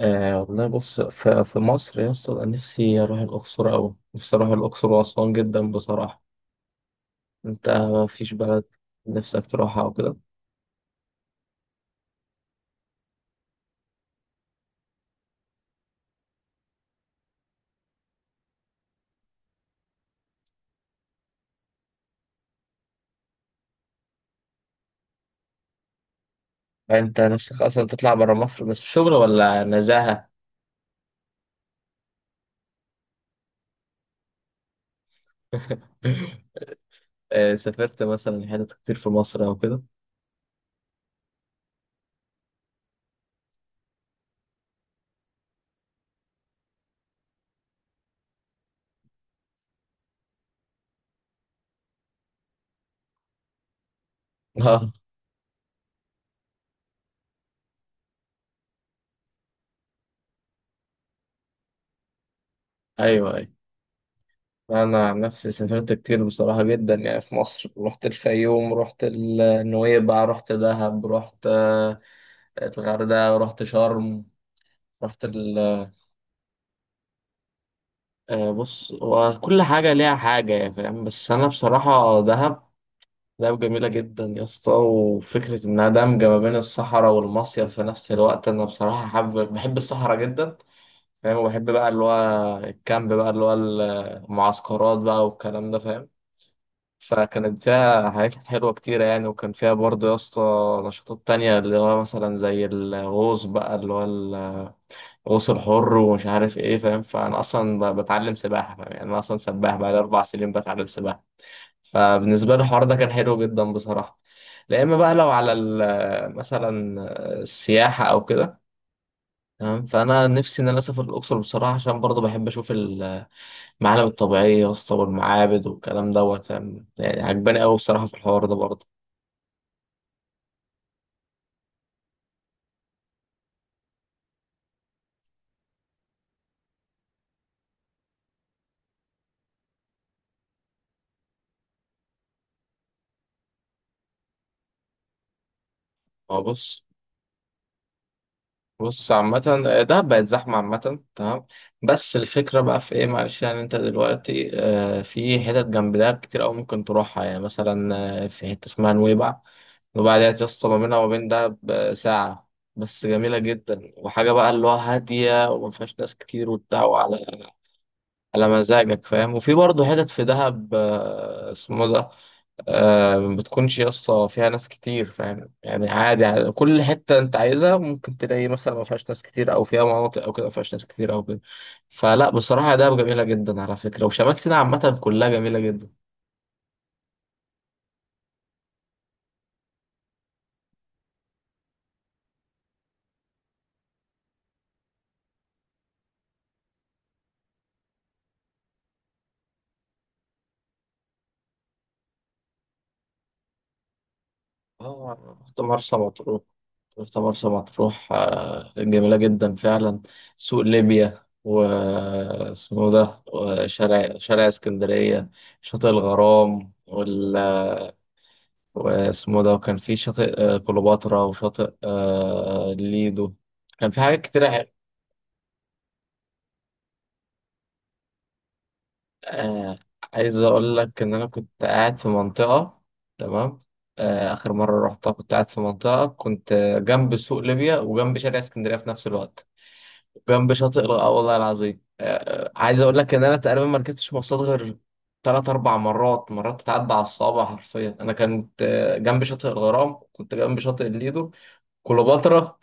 آه والله بص في مصر يا اسطى، أنا نفسي أروح الأقصر أوي. نفسي أروح الأقصر وأسوان جدا بصراحة. أنت مفيش بلد نفسك تروحها أو كده؟ يعني أنت نفسك أصلا تطلع برا مصر؟ بس شغل ولا نزاهة؟ آه سافرت مثلا حتت كتير في مصر أو كده؟ آه. أيوه. أنا عن نفسي سافرت كتير بصراحة جدا يعني. في مصر رحت الفيوم، رحت النويبع، رحت دهب، رحت الغردقة، رحت شرم، رحت ال آه، بص، هو كل حاجة ليها حاجة يا فاهم، بس أنا بصراحة دهب، جميلة جدا يا اسطى. وفكرة إنها دمجة ما بين الصحراء والمصيف في نفس الوقت. أنا بصراحة حابب، بحب الصحراء جدا فاهم. وبحب بقى اللي هو الكامب بقى، اللي هو المعسكرات بقى والكلام ده فاهم. فكانت فيها حاجات حلوة كتيرة يعني، وكان فيها برضه يا اسطى نشاطات تانية، اللي هو مثلا زي الغوص بقى، اللي هو غوص حر ومش عارف ايه فاهم. فانا اصلا بتعلم سباحه فاهم. يعني انا اصلا سباح بقى لي 4 سنين بتعلم سباحه. فبالنسبه لي الحوار ده كان حلو جدا بصراحه. لا اما بقى لو على مثلا السياحه او كده، تمام، فانا نفسي ان انا اسافر الاقصر بصراحه، عشان برضه بحب اشوف المعالم الطبيعيه يا اسطى، والمعابد والكلام دوت فاهم. يعني عجباني قوي بصراحه في الحوار ده برضه. هو بص، عامة دهب بقت زحمة عامة، تمام، بس الفكرة بقى في ايه، معلش يعني، انت دلوقتي في حتت جنب دهب كتير أوي ممكن تروحها. يعني مثلا في حتة اسمها نويبع. نويبع ديت يا اسطى ما بينها وما بين دهب ساعة، بس جميلة جدا. وحاجة بقى اللي هو هادية وما فيهاش ناس كتير وبتاع، وعلى مزاجك فاهم. وفي برضه حتت في دهب اسمه ده، آه، ما بتكونش يا اسطى فيها ناس كتير فاهم. يعني عادي يعني، كل حتة انت عايزها ممكن تلاقي، مثلا ما فيهاش ناس كتير، او فيها مناطق او كده ما فيهاش ناس كتير او كده. فلا بصراحة ده جميلة جدا على فكرة، وشمال سيناء عامة كلها جميلة جدا. اه رحت مرسى مطروح. جميلة جدا فعلا. سوق ليبيا، و اسمه ده، وشارع اسكندرية، شاطئ الغرام، وال واسمه ده وكان في شاطئ كليوباترا، وشاطئ ليدو. كان في حاجات كتير آه، عايز اقول لك ان انا كنت قاعد في منطقة، تمام، اخر مرة رحتها كنت قاعد في منطقة، كنت جنب سوق ليبيا وجنب شارع اسكندرية في نفس الوقت، وجنب اه والله العظيم عايز اقول لك ان انا تقريبا ما ركبتش مواصلات غير تلات أربع مرات. مرات تتعدى على الصوابع حرفيا. أنا كنت جنب شاطئ الغرام، كنت جنب شاطئ الليدو، كليوباترا.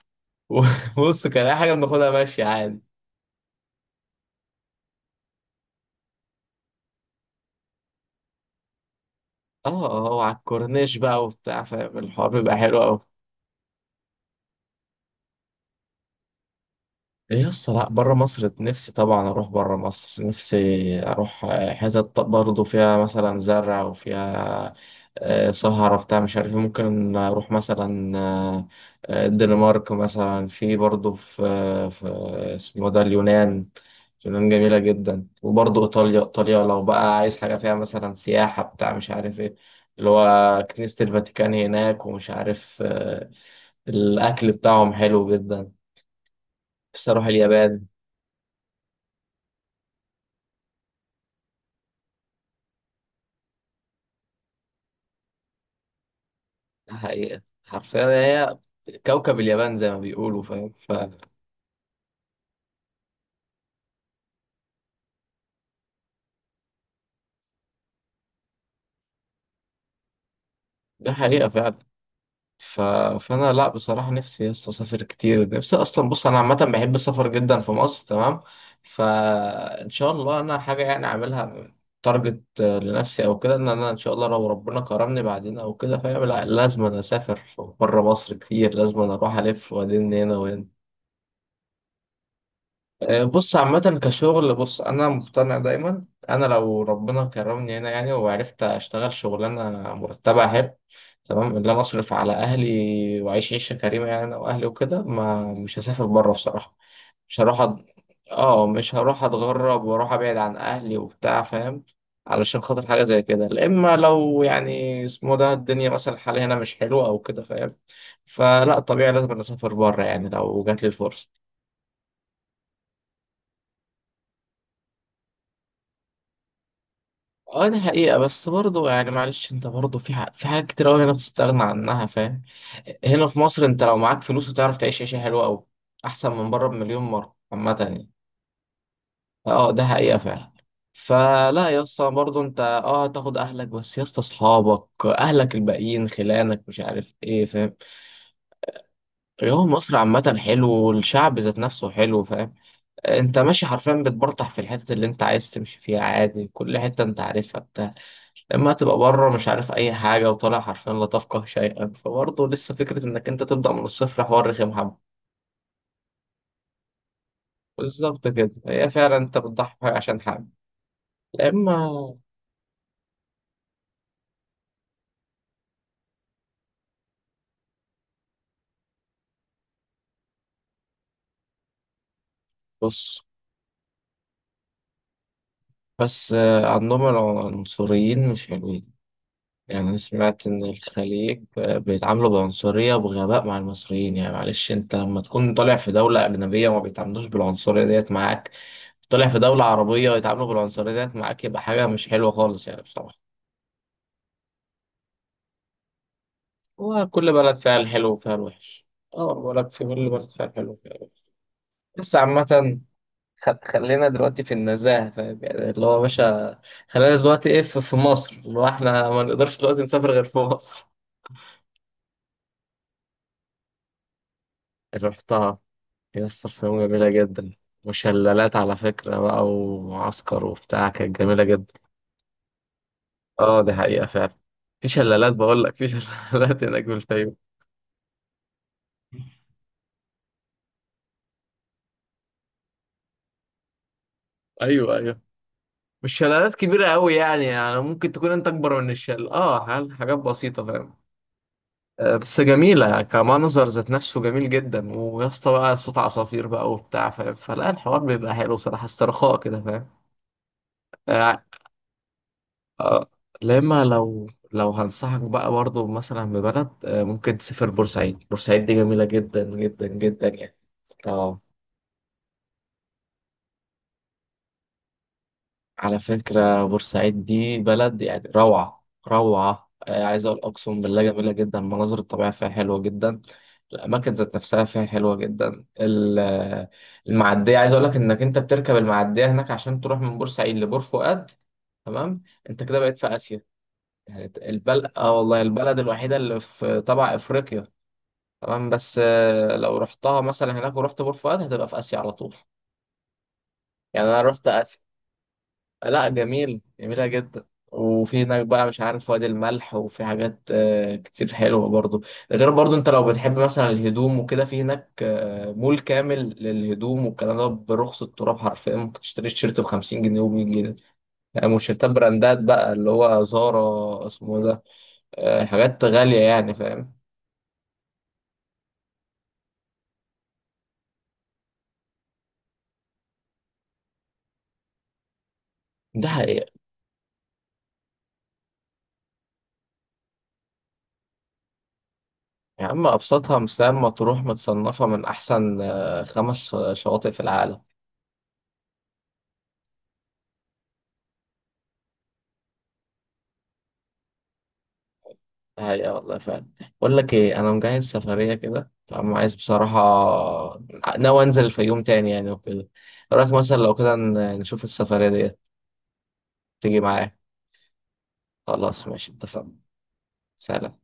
بص كان اي حاجه بناخدها ماشي عادي. اه، اه على الكورنيش بقى وبتاع فاهم، الحوار بيبقى حلو قوي. إيه يا اسطى، لا بره مصر نفسي طبعا. اروح بره مصر نفسي اروح حتت برضه فيها مثلا زرع وفيها سهرة بتاع مش عارف إيه. ممكن اروح مثلا الدنمارك مثلا. في برضه في اسمه ده اليونان. اليونان جميلة جدا. وبرضه ايطاليا، ايطاليا لو بقى عايز حاجة فيها مثلا سياحة بتاع مش عارف ايه، اللي هو كنيسة الفاتيكان هناك، ومش عارف الأكل بتاعهم حلو جدا. بس أروح اليابان. حقيقة حرفيا هي كوكب اليابان زي ما بيقولوا فاهم. فده حقيقة فعلا. ف... فأنا لا بصراحة نفسي يس أسافر كتير. نفسي أصلا، بص أنا عامة بحب السفر جدا في مصر، تمام، فإن شاء الله أنا حاجة يعني أعملها تارجت لنفسي أو كده، إن أنا إن شاء الله لو ربنا كرمني بعدين أو كده فاهم، لا لازم أنا أسافر بره مصر كتير. لازم أنا أروح ألف وأدين هنا وهنا. بص عامة كشغل، بص أنا مقتنع دايما، أنا لو ربنا كرمني هنا يعني وعرفت أشتغل شغلانة مرتبة حلو، تمام، اللي أنا أصرف على أهلي وأعيش عيشة كريمة، يعني أنا وأهلي وكده، ما مش هسافر بره بصراحة. مش هروح أد... آه مش هروح أتغرب وأروح أبعد عن أهلي وبتاع فاهم، علشان خاطر حاجة زي كده، لا. إما لو يعني اسمه ده الدنيا مثلا الحالية هنا مش حلوة أو كده فاهم، فلا طبيعي لازم أسافر بره يعني لو جات لي الفرصة. اه دي حقيقة، بس برضه يعني معلش انت برضه في في حاجات كتير اوي هنا بتستغنى عنها فاهم. هنا في مصر انت لو معاك فلوس هتعرف تعيش عيشة حلوة اوي، احسن من بره بمليون مرة عامة يعني. اه ده حقيقة فعلا. فلا يا اسطى، برضه انت اه هتاخد اهلك، بس يا اسطى اصحابك، اهلك الباقيين، خلانك مش عارف ايه فاهم. هو مصر عامة حلو، والشعب ذات نفسه حلو فاهم. انت ماشي حرفيا بتبرطح في الحتت اللي انت عايز تمشي فيها عادي، كل حتة انت عارفها بتاع. لما تبقى بره مش عارف اي حاجه، وطالع حرفيا لا تفقه شيئا، فبرضه لسه فكره انك انت تبدا من الصفر، حوار رخم حبه. بالظبط كده، هي فعلا انت بتضحي بحاجة عشان حاجه. لا اما بص، بس عندهم العنصريين مش حلوين. يعني أنا سمعت إن الخليج بيتعاملوا بعنصرية وبغباء مع المصريين. يعني معلش، أنت لما تكون طالع في دولة أجنبية وما بيتعاملوش بالعنصرية ديت معاك، طالع في دولة عربية ويتعاملوا بالعنصرية ديت معاك، يبقى حاجة مش حلوة خالص يعني بصراحة. هو كل بلد فيها الحلو وفيها الوحش. اه بقول لك، في كل بلد فيها الحلو وفيها الوحش. بس عامة خلينا دلوقتي في النزاهة فاهم يعني، اللي هو يا باشا خلينا دلوقتي ايه، في مصر، اللي هو احنا ما نقدرش دلوقتي نسافر غير في مصر. رحتها، يسر في يوم جميلة جدا. وشلالات على فكرة بقى، ومعسكر وبتاع، كانت جميلة جدا. اه دي حقيقة فعلا. في شلالات بقول لك، في شلالات هناك في الفيوم. ايوه. مش شلالات كبيرة قوي يعني، يعني ممكن تكون انت اكبر من الشلال اه، حاجات بسيطة فاهم. بس جميلة كمنظر ذات نفسه، جميل جدا. ويا اسطى بقى صوت عصافير بقى وبتاع فاهم، فلا الحوار بيبقى حلو بصراحة، استرخاء كده فاهم. آه. آه. لما لو لو هنصحك بقى برضه مثلا ببلد آه، ممكن تسافر بورسعيد. بورسعيد دي جميلة جدا جدا جدا يعني. اه على فكرة بورسعيد دي بلد يعني روعة روعة عايز أقول، أقسم بالله جميلة جدا. المناظر الطبيعية فيها حلوة جدا، الأماكن ذات نفسها فيها حلوة جدا. المعدية، عايز أقول لك إنك أنت بتركب المعدية هناك عشان تروح من بورسعيد لبور فؤاد، تمام، أنت كده بقيت في آسيا. يعني البلد آه، والله البلد الوحيدة اللي في تبع أفريقيا، تمام، بس لو رحتها مثلا هناك ورحت بور فؤاد هتبقى في آسيا على طول. يعني أنا رحت آسيا. لا جميل، جميلة جدا. وفي هناك بقى مش عارف وادي الملح، وفي حاجات كتير حلوة برضو. ده غير برضو انت لو بتحب مثلا الهدوم وكده، في هناك مول كامل للهدوم والكلام ده برخص التراب حرفيا، ممكن تشتري تيشيرت ب 50 جنيه و100 جنيه. يعني مش تيشيرتات براندات بقى اللي هو زارا اسمه ده، حاجات غالية يعني فاهم. ده حقيقة. يا عم أبسطها مثال، مطروح متصنفة من أحسن 5 شواطئ في العالم. هاي والله فعلا. بقول لك ايه، انا مجهز سفريه كده، فانا عايز بصراحه، ناوي انزل الفيوم تاني يعني وكده. إيه رايك مثلا لو كده نشوف السفريه ديت؟ تيجي معايا؟ خلاص ماشي اتفقنا. سلام.